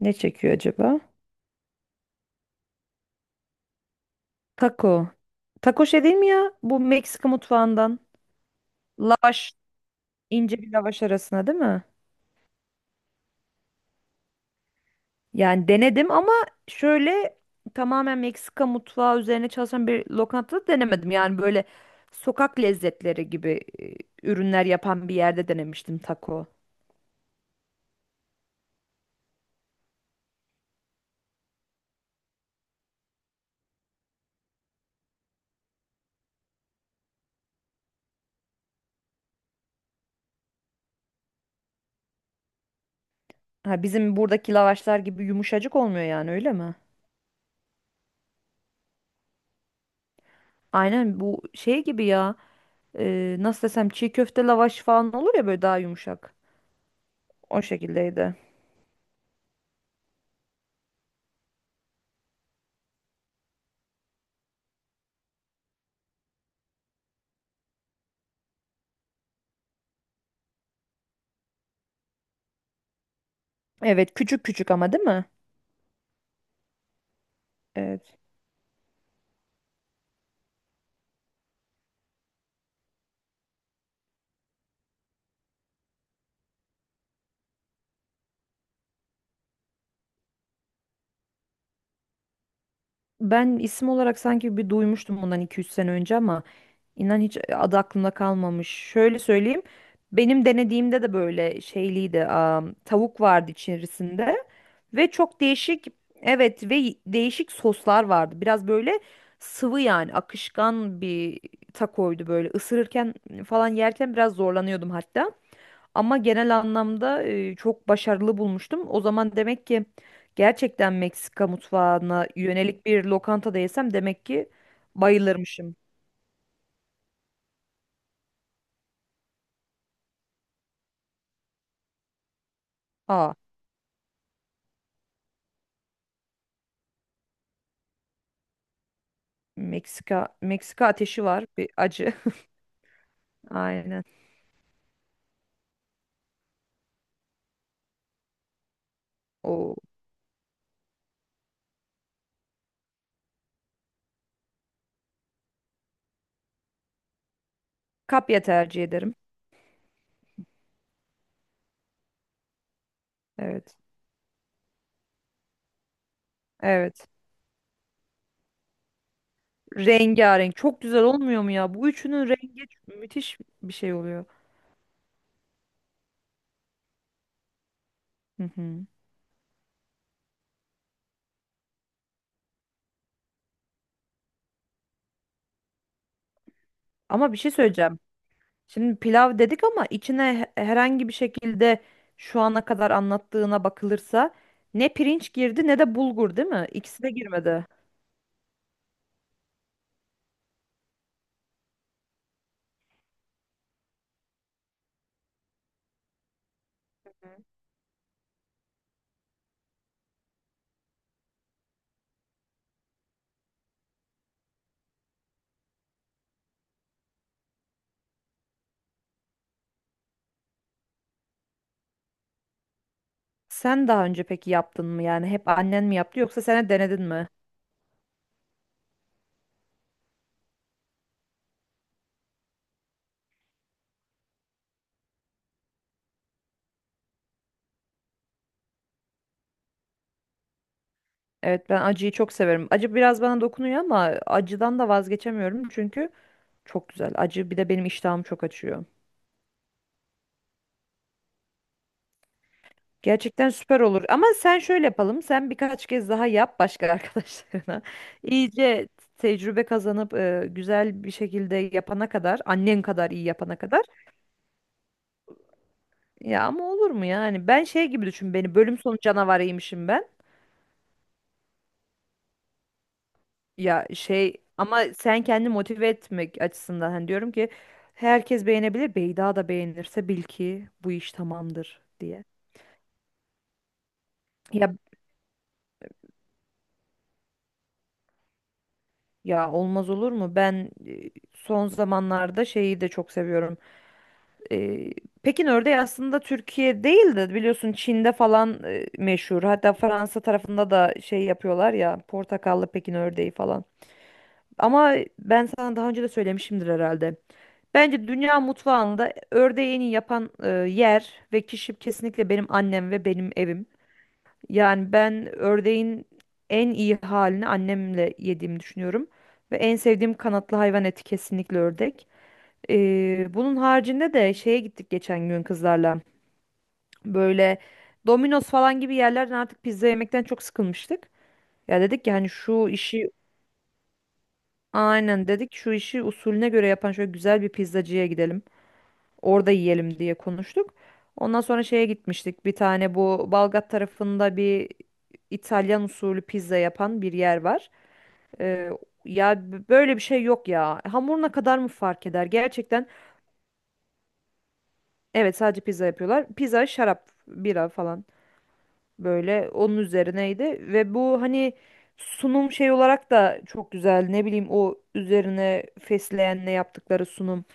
Ne çekiyor acaba? Taco. Taco şey değil mi ya? Bu Meksika mutfağından. Lavaş, ince bir lavaş arasına değil mi? Yani denedim ama şöyle tamamen Meksika mutfağı üzerine çalışan bir lokantada denemedim. Yani böyle sokak lezzetleri gibi ürünler yapan bir yerde denemiştim taco. Ha, bizim buradaki lavaşlar gibi yumuşacık olmuyor yani öyle mi? Aynen bu şey gibi ya. Nasıl desem, çiğ köfte lavaş falan olur ya, böyle daha yumuşak. O şekildeydi. Evet, küçük küçük ama değil mi? Evet. Ben isim olarak sanki bir duymuştum bundan iki üç sene önce ama inan hiç adı aklımda kalmamış. Şöyle söyleyeyim. Benim denediğimde de böyle şeyliydi. Tavuk vardı içerisinde ve çok değişik, evet, ve değişik soslar vardı. Biraz böyle sıvı, yani akışkan bir takoydu böyle. Isırırken falan yerken biraz zorlanıyordum hatta. Ama genel anlamda çok başarılı bulmuştum. O zaman demek ki gerçekten Meksika mutfağına yönelik bir lokantada yesem demek ki bayılırmışım. Aa, Meksika Meksika ateşi var, bir acı. Aynen. O kapya tercih ederim. Evet. Evet. Rengarenk, çok güzel olmuyor mu ya? Bu üçünün rengi müthiş bir şey oluyor. Hı hı. Ama bir şey söyleyeceğim. Şimdi pilav dedik ama içine herhangi bir şekilde, şu ana kadar anlattığına bakılırsa, ne pirinç girdi ne de bulgur, değil mi? İkisi de girmedi. Sen daha önce peki yaptın mı, yani hep annen mi yaptı yoksa sen de denedin mi? Evet, ben acıyı çok severim. Acı biraz bana dokunuyor ama acıdan da vazgeçemiyorum çünkü çok güzel. Acı bir de benim iştahımı çok açıyor. Gerçekten süper olur. Ama sen şöyle yapalım. Sen birkaç kez daha yap başka arkadaşlarına. İyice tecrübe kazanıp güzel bir şekilde yapana kadar, annen kadar iyi yapana kadar. Ya ama olur mu yani? Ben şey gibi düşün beni. Bölüm sonu canavarıymışım ben. Ya şey ama sen kendi motive etmek açısından, hani diyorum ki herkes beğenebilir. Beyda da beğenirse bil ki bu iş tamamdır diye. Ya ya olmaz olur mu? Ben son zamanlarda şeyi de çok seviyorum. Ee, Pekin ördeği aslında Türkiye değil de biliyorsun Çin'de falan meşhur. Hatta Fransa tarafında da şey yapıyorlar ya, portakallı Pekin ördeği falan. Ama ben sana daha önce de söylemişimdir herhalde. Bence dünya mutfağında ördeği en iyi yapan yer ve kişi kesinlikle benim annem ve benim evim. Yani ben ördeğin en iyi halini annemle yediğimi düşünüyorum. Ve en sevdiğim kanatlı hayvan eti kesinlikle ördek. Bunun haricinde de şeye gittik geçen gün kızlarla. Böyle Domino's falan gibi yerlerden artık pizza yemekten çok sıkılmıştık. Ya dedik ki hani şu işi, aynen dedik, şu işi usulüne göre yapan şöyle güzel bir pizzacıya gidelim. Orada yiyelim diye konuştuk. Ondan sonra şeye gitmiştik. Bir tane bu Balgat tarafında bir İtalyan usulü pizza yapan bir yer var. Ee, Ya böyle bir şey yok ya. Hamuruna kadar mı fark eder? Gerçekten evet, sadece pizza yapıyorlar. Pizza, şarap, bira falan. Böyle onun üzerineydi ve bu hani sunum şey olarak da çok güzel. Ne bileyim, o üzerine fesleğenle yaptıkları sunum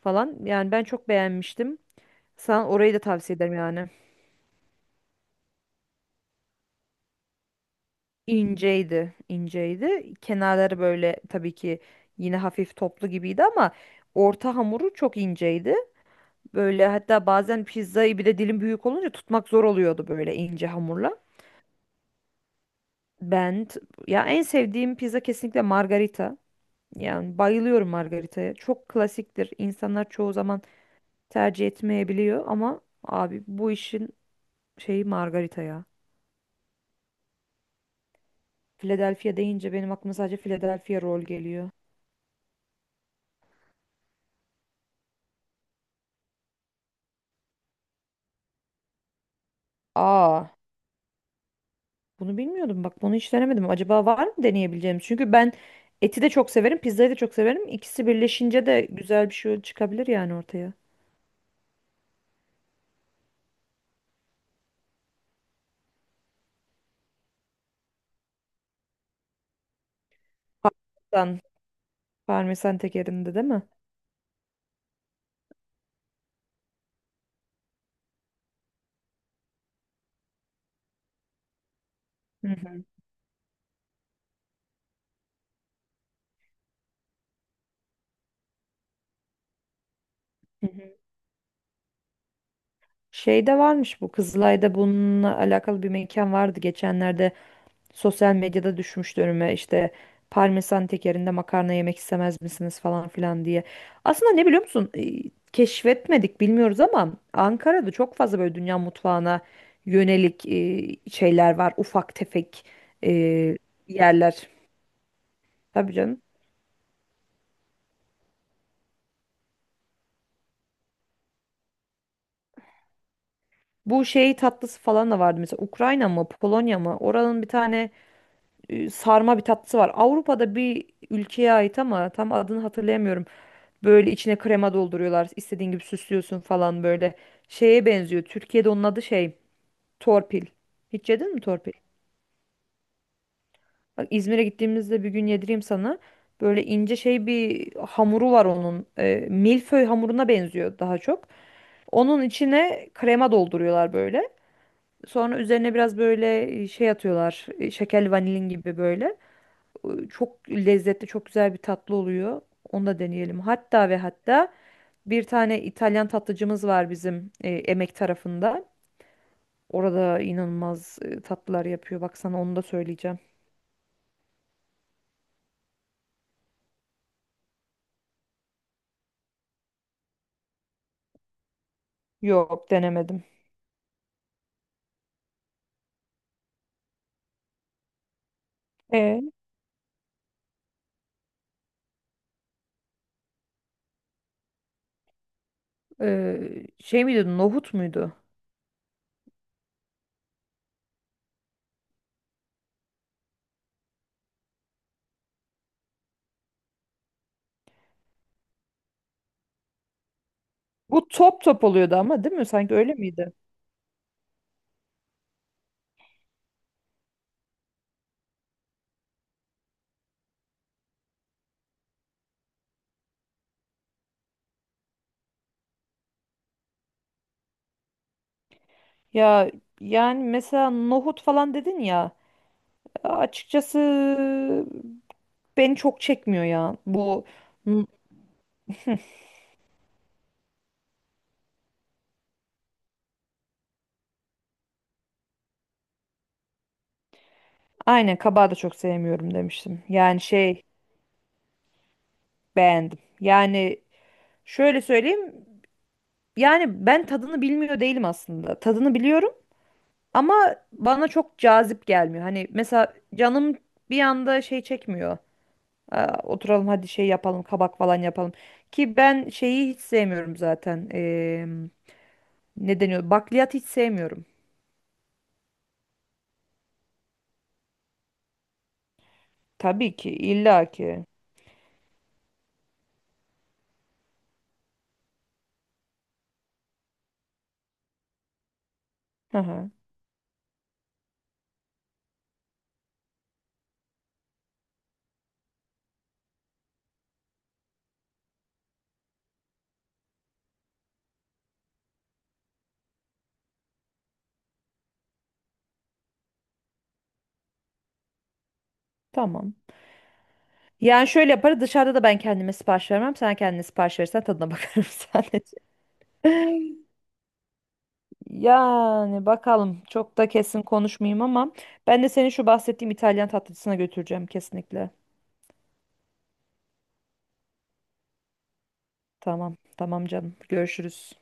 falan. Yani ben çok beğenmiştim. Sana orayı da tavsiye ederim yani. İnceydi, inceydi. Kenarları böyle tabii ki yine hafif toplu gibiydi ama orta hamuru çok inceydi. Böyle hatta bazen pizzayı, bir de dilim büyük olunca, tutmak zor oluyordu böyle ince hamurla. Ben t- Ya, en sevdiğim pizza kesinlikle margarita. Yani bayılıyorum margaritaya. Çok klasiktir. İnsanlar çoğu zaman tercih etmeyebiliyor ama abi bu işin şeyi margarita ya. Philadelphia deyince benim aklıma sadece Philadelphia roll geliyor. Aa, bunu bilmiyordum. Bak, bunu hiç denemedim. Acaba var mı deneyebileceğim? Çünkü ben eti de çok severim, pizzayı da çok severim. İkisi birleşince de güzel bir şey çıkabilir yani ortaya. Parmesan, parmesan tekerinde değil mi? Hı hı. Hı hı. Şeyde varmış, bu Kızılay'da bununla alakalı bir mekan vardı geçenlerde. Sosyal medyada düşmüştü önüme, işte parmesan tekerinde makarna yemek istemez misiniz falan filan diye. Aslında ne biliyor musun? Keşfetmedik, bilmiyoruz, ama Ankara'da çok fazla böyle dünya mutfağına yönelik şeyler var. Ufak tefek e, yerler. Tabii canım. Bu şey tatlısı falan da vardı, mesela Ukrayna mı Polonya mı, oranın bir tane sarma bir tatlısı var. Avrupa'da bir ülkeye ait ama tam adını hatırlayamıyorum. Böyle içine krema dolduruyorlar. İstediğin gibi süslüyorsun falan böyle. Şeye benziyor. Türkiye'de onun adı şey. Torpil. Hiç yedin mi torpil? Bak, İzmir'e gittiğimizde bir gün yedireyim sana. Böyle ince şey bir hamuru var onun. Milföy hamuruna benziyor daha çok. Onun içine krema dolduruyorlar böyle. Sonra üzerine biraz böyle şey atıyorlar. Şekerli vanilin gibi böyle. Çok lezzetli, çok güzel bir tatlı oluyor. Onu da deneyelim. Hatta ve hatta bir tane İtalyan tatlıcımız var bizim Emek tarafında. Orada inanılmaz tatlılar yapıyor. Bak, sana onu da söyleyeceğim. Yok, denemedim. E, Şey miydi, nohut muydu? Bu top top oluyordu ama değil mi? Sanki öyle miydi? Ya yani mesela nohut falan dedin ya, açıkçası beni çok çekmiyor ya. Bu aynen, kabağı da çok sevmiyorum demiştim. Yani şey, beğendim. Yani şöyle söyleyeyim. Yani ben tadını bilmiyor değilim aslında. Tadını biliyorum ama bana çok cazip gelmiyor. Hani mesela canım bir anda şey çekmiyor. Aa, oturalım hadi şey yapalım, kabak falan yapalım. Ki ben şeyi hiç sevmiyorum zaten. Ne deniyor? Bakliyat hiç sevmiyorum. Tabii ki, illa ki. Hı hı, tamam. Yani şöyle yaparız, dışarıda da ben kendime sipariş vermem. Sen kendine sipariş verirsen tadına bakarım sadece. Yani bakalım, çok da kesin konuşmayayım ama ben de seni şu bahsettiğim İtalyan tatlıcısına götüreceğim kesinlikle. Tamam tamam canım, görüşürüz.